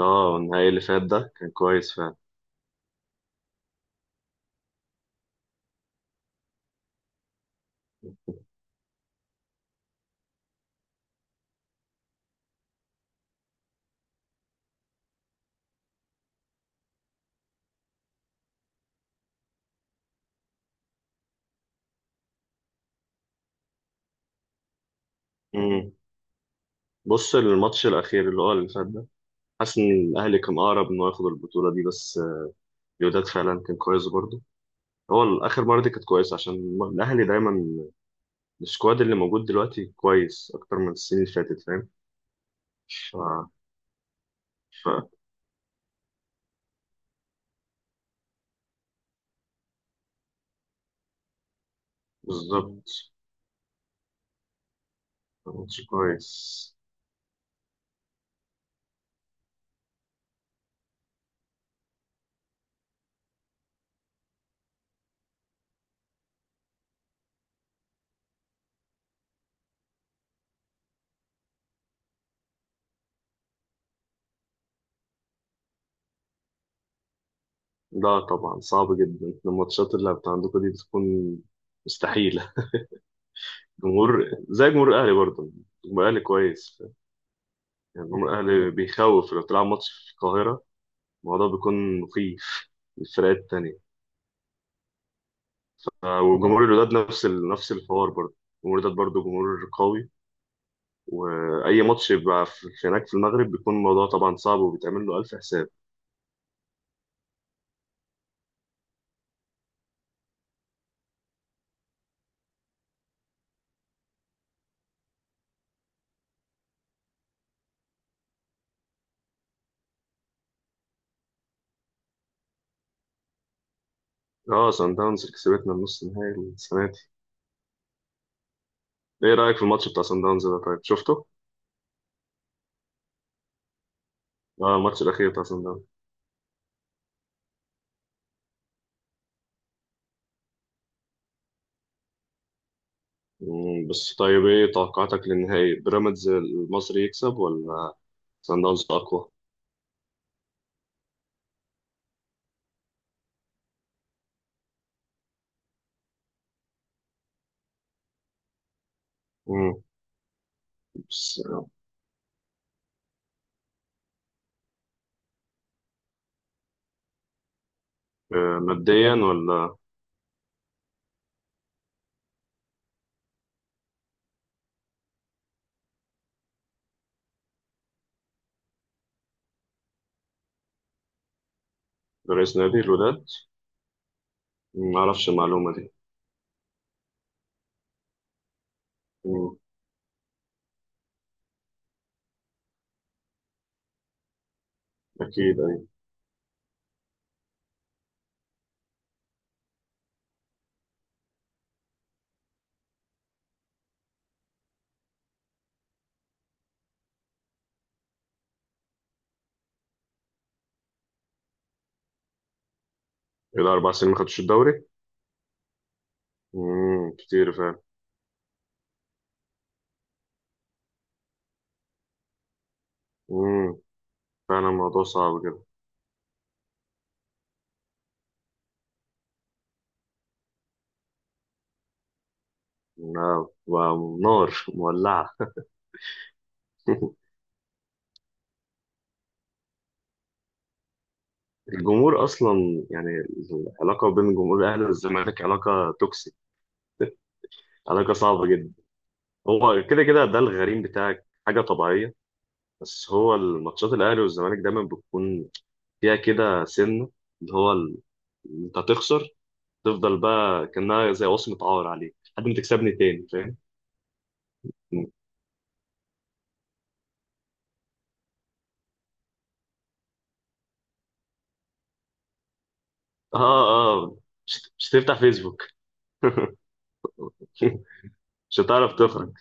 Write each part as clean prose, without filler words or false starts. اه، النهائي اللي فات ده كان كويس فعلا. امم بص، الماتش الاخير اللي هو اللي فات ده، حاسس ان الاهلي كان اقرب انه ياخد البطوله دي، بس الوداد فعلا كان كويس برضه. هو الاخر مره دي كانت كويسه عشان الاهلي دايما السكواد اللي موجود دلوقتي كويس اكتر من السنين اللي فاتت، فاهم؟ ف... ف... بالظبط، ماتش كويس. لا طبعا، صعب جدا، الماتشات اللي بتاع عندكم دي بتكون مستحيلة. جمهور زي جمهور الأهلي برضه، جمهور الأهلي كويس. يعني جمهور الأهلي بيخوف، لو تلعب ماتش في القاهرة الموضوع بيكون مخيف للفرقات التانية. وجمهور الوداد نفس الحوار برضه. جمهور الوداد برضه جمهور قوي. وأي ماتش يبقى في هناك في المغرب بيكون الموضوع طبعا صعب وبيتعمل له ألف حساب. اه، سان داونز اللي كسبتنا النص النهائي السنة دي. ايه رأيك في الماتش بتاع سان داونز ده؟ طيب، شفته؟ اه، الماتش الأخير بتاع سان داونز. بس طيب، ايه توقعاتك للنهائي؟ بيراميدز المصري يكسب ولا سان داونز أقوى؟ مم. بس ماديا ولا؟ رئيس نادي الوداد؟ ما اعرفش المعلومه دي. مم، اكيد، ايوه. الى 4 سنين ما خدتش الدوري. كتير فعلا. مم، فعلا الموضوع صعب كده. نعم، ونار مولعه. الجمهور اصلا يعني، العلاقه بين جمهور الاهلي والزمالك علاقه توكسيك، علاقه صعبه جدا. هو كده كده ده الغريم بتاعك، حاجه طبيعيه. بس هو الماتشات الاهلي والزمالك دايما بتكون فيها كده سنه، اللي هو ال- انت هتخسر، تفضل بقى كأنها زي وصمة عار عليك لحد ما تكسبني تاني، فاهم؟ اه، اه، مش هتفتح فيسبوك. مش هتعرف تخرج.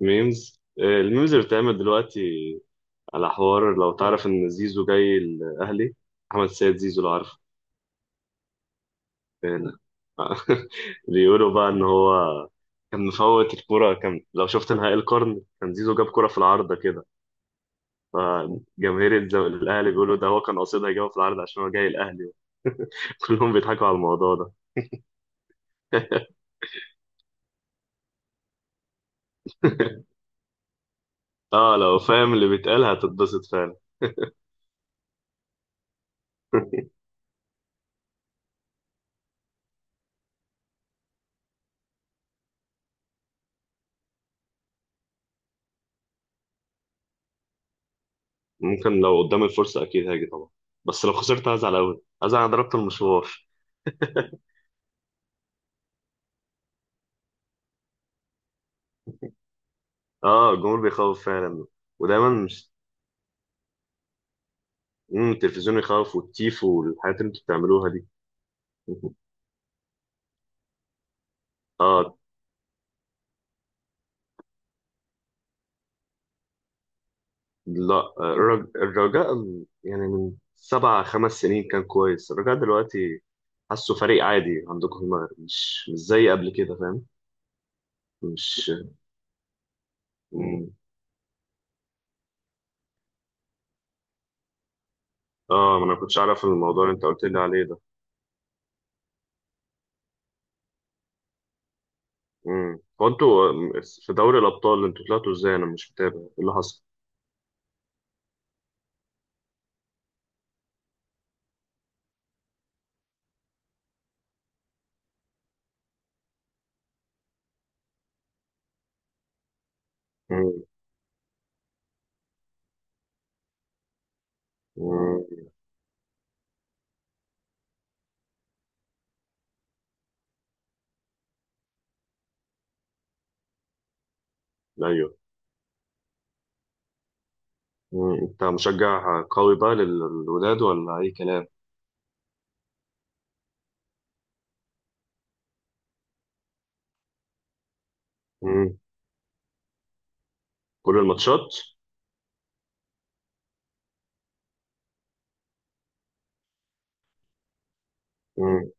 ميمز، الميمز اللي بتعمل دلوقتي على حوار لو تعرف ان زيزو جاي الاهلي. احمد سيد زيزو، لو عارفه. آه، بيقولوا بقى ان هو كان مفوت الكرة، كان لو شفت نهائي القرن كان زيزو جاب كرة في العارضة كده. فجماهير الأهلي بيقولوا ده هو كان قاصدها يجيبها في العارضة عشان هو جاي الأهلي. كلهم بيضحكوا على الموضوع ده. اه، لو فاهم اللي بيتقال هتتبسط فعلا. ممكن، لو قدام الفرصة أكيد هاجي طبعا. بس لو خسرت هزعل أوي، هزعل، أنا ضربت المشوار. اه، الجمهور بيخوف فعلا. ودايما مش. التلفزيون يخوف والتيف والحاجات اللي انتوا بتعملوها دي. اه، لا الرجاء يعني من سبع، 5 سنين كان كويس، الرجاء دلوقتي حاسه فريق عادي عندكم في المغرب، مش زي قبل كده، فاهم؟ مش. مم. اه، ما انا كنتش اعرف الموضوع اللي انت قلت لي عليه ده. وانتوا في دوري الابطال انتوا طلعتوا ازاي؟ انا مش متابع ايه اللي حصل. امم امم ايوه. انت مشجع قوي بقى للولاد ولا اي كلام؟ امم كل الماتشات. امم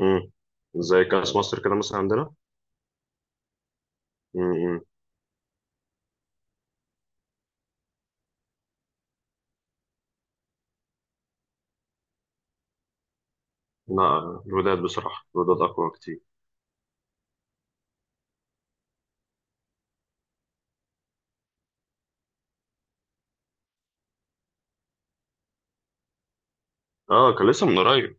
امم زي كاس مصر كده مثلا عندنا. امم لا، الولاد بصراحه، الولاد اقوى كتير. اه، كان لسه من قريب،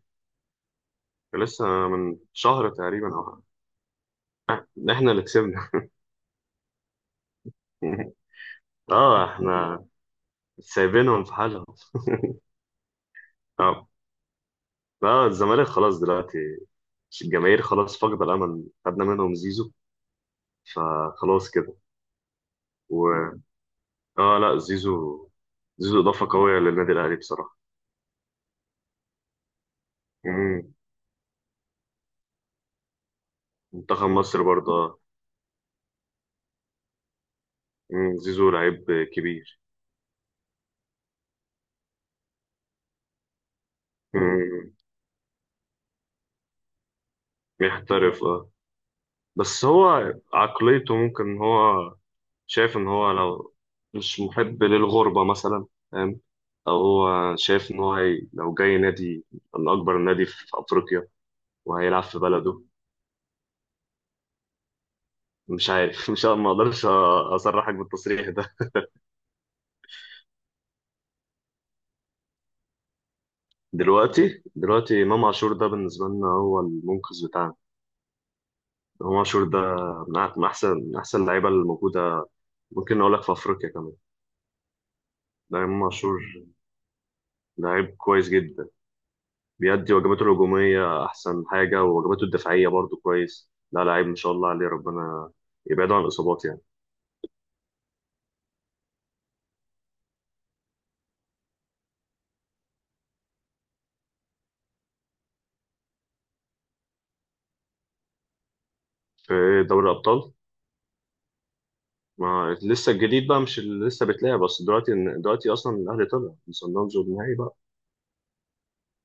كان لسه من شهر تقريبا او حاجة. احنا اللي كسبنا. اه، احنا سايبينهم في حالهم. اه، لا الزمالك خلاص دلوقتي، مش الجماهير خلاص فاقدة الأمل، خدنا منهم زيزو فخلاص كده. و لا، زيزو، زيزو إضافة قوية للنادي الأهلي بصراحة. مم. منتخب مصر برضه. مم. زيزو لعيب كبير. مم. يحترف. بس هو عقليته ممكن إن هو شايف إن هو لو مش محب للغربة مثلا، فاهم؟ أو هو شايف إن هو لو جاي نادي من أكبر نادي في أفريقيا وهيلعب في بلده. مش عارف. مش، ما اقدرش اصرحك بالتصريح. دلوقتي امام عاشور ده بالنسبه لنا هو المنقذ بتاعنا. امام عاشور ده من احسن اللعيبه الموجوده. ممكن اقول لك في افريقيا كمان. ده امام عاشور، لعيب كويس جدا. بيأدي واجباته الهجوميه احسن حاجه، وواجباته الدفاعيه برضو كويس، لا لعيب ان شاء الله عليه، ربنا يبعده عن الاصابات يعني. في دوري الابطال، ما لسه الجديد بقى مش اللي لسه بتلاقي، بس دلوقتي اصلا الاهلي طلع من صن داونز والنهائي بقى.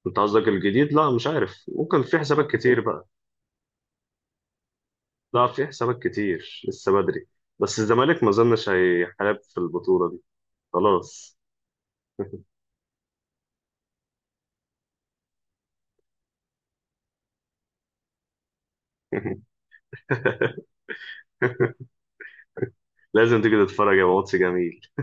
انت قصدك الجديد؟ لا مش عارف، ممكن في حسابات كتير بقى. لا في حسابات كتير لسه بدري. بس الزمالك ما اظنش هيحارب في البطولة دي، خلاص. لازم تيجي تتفرج، يا ماتش جميل.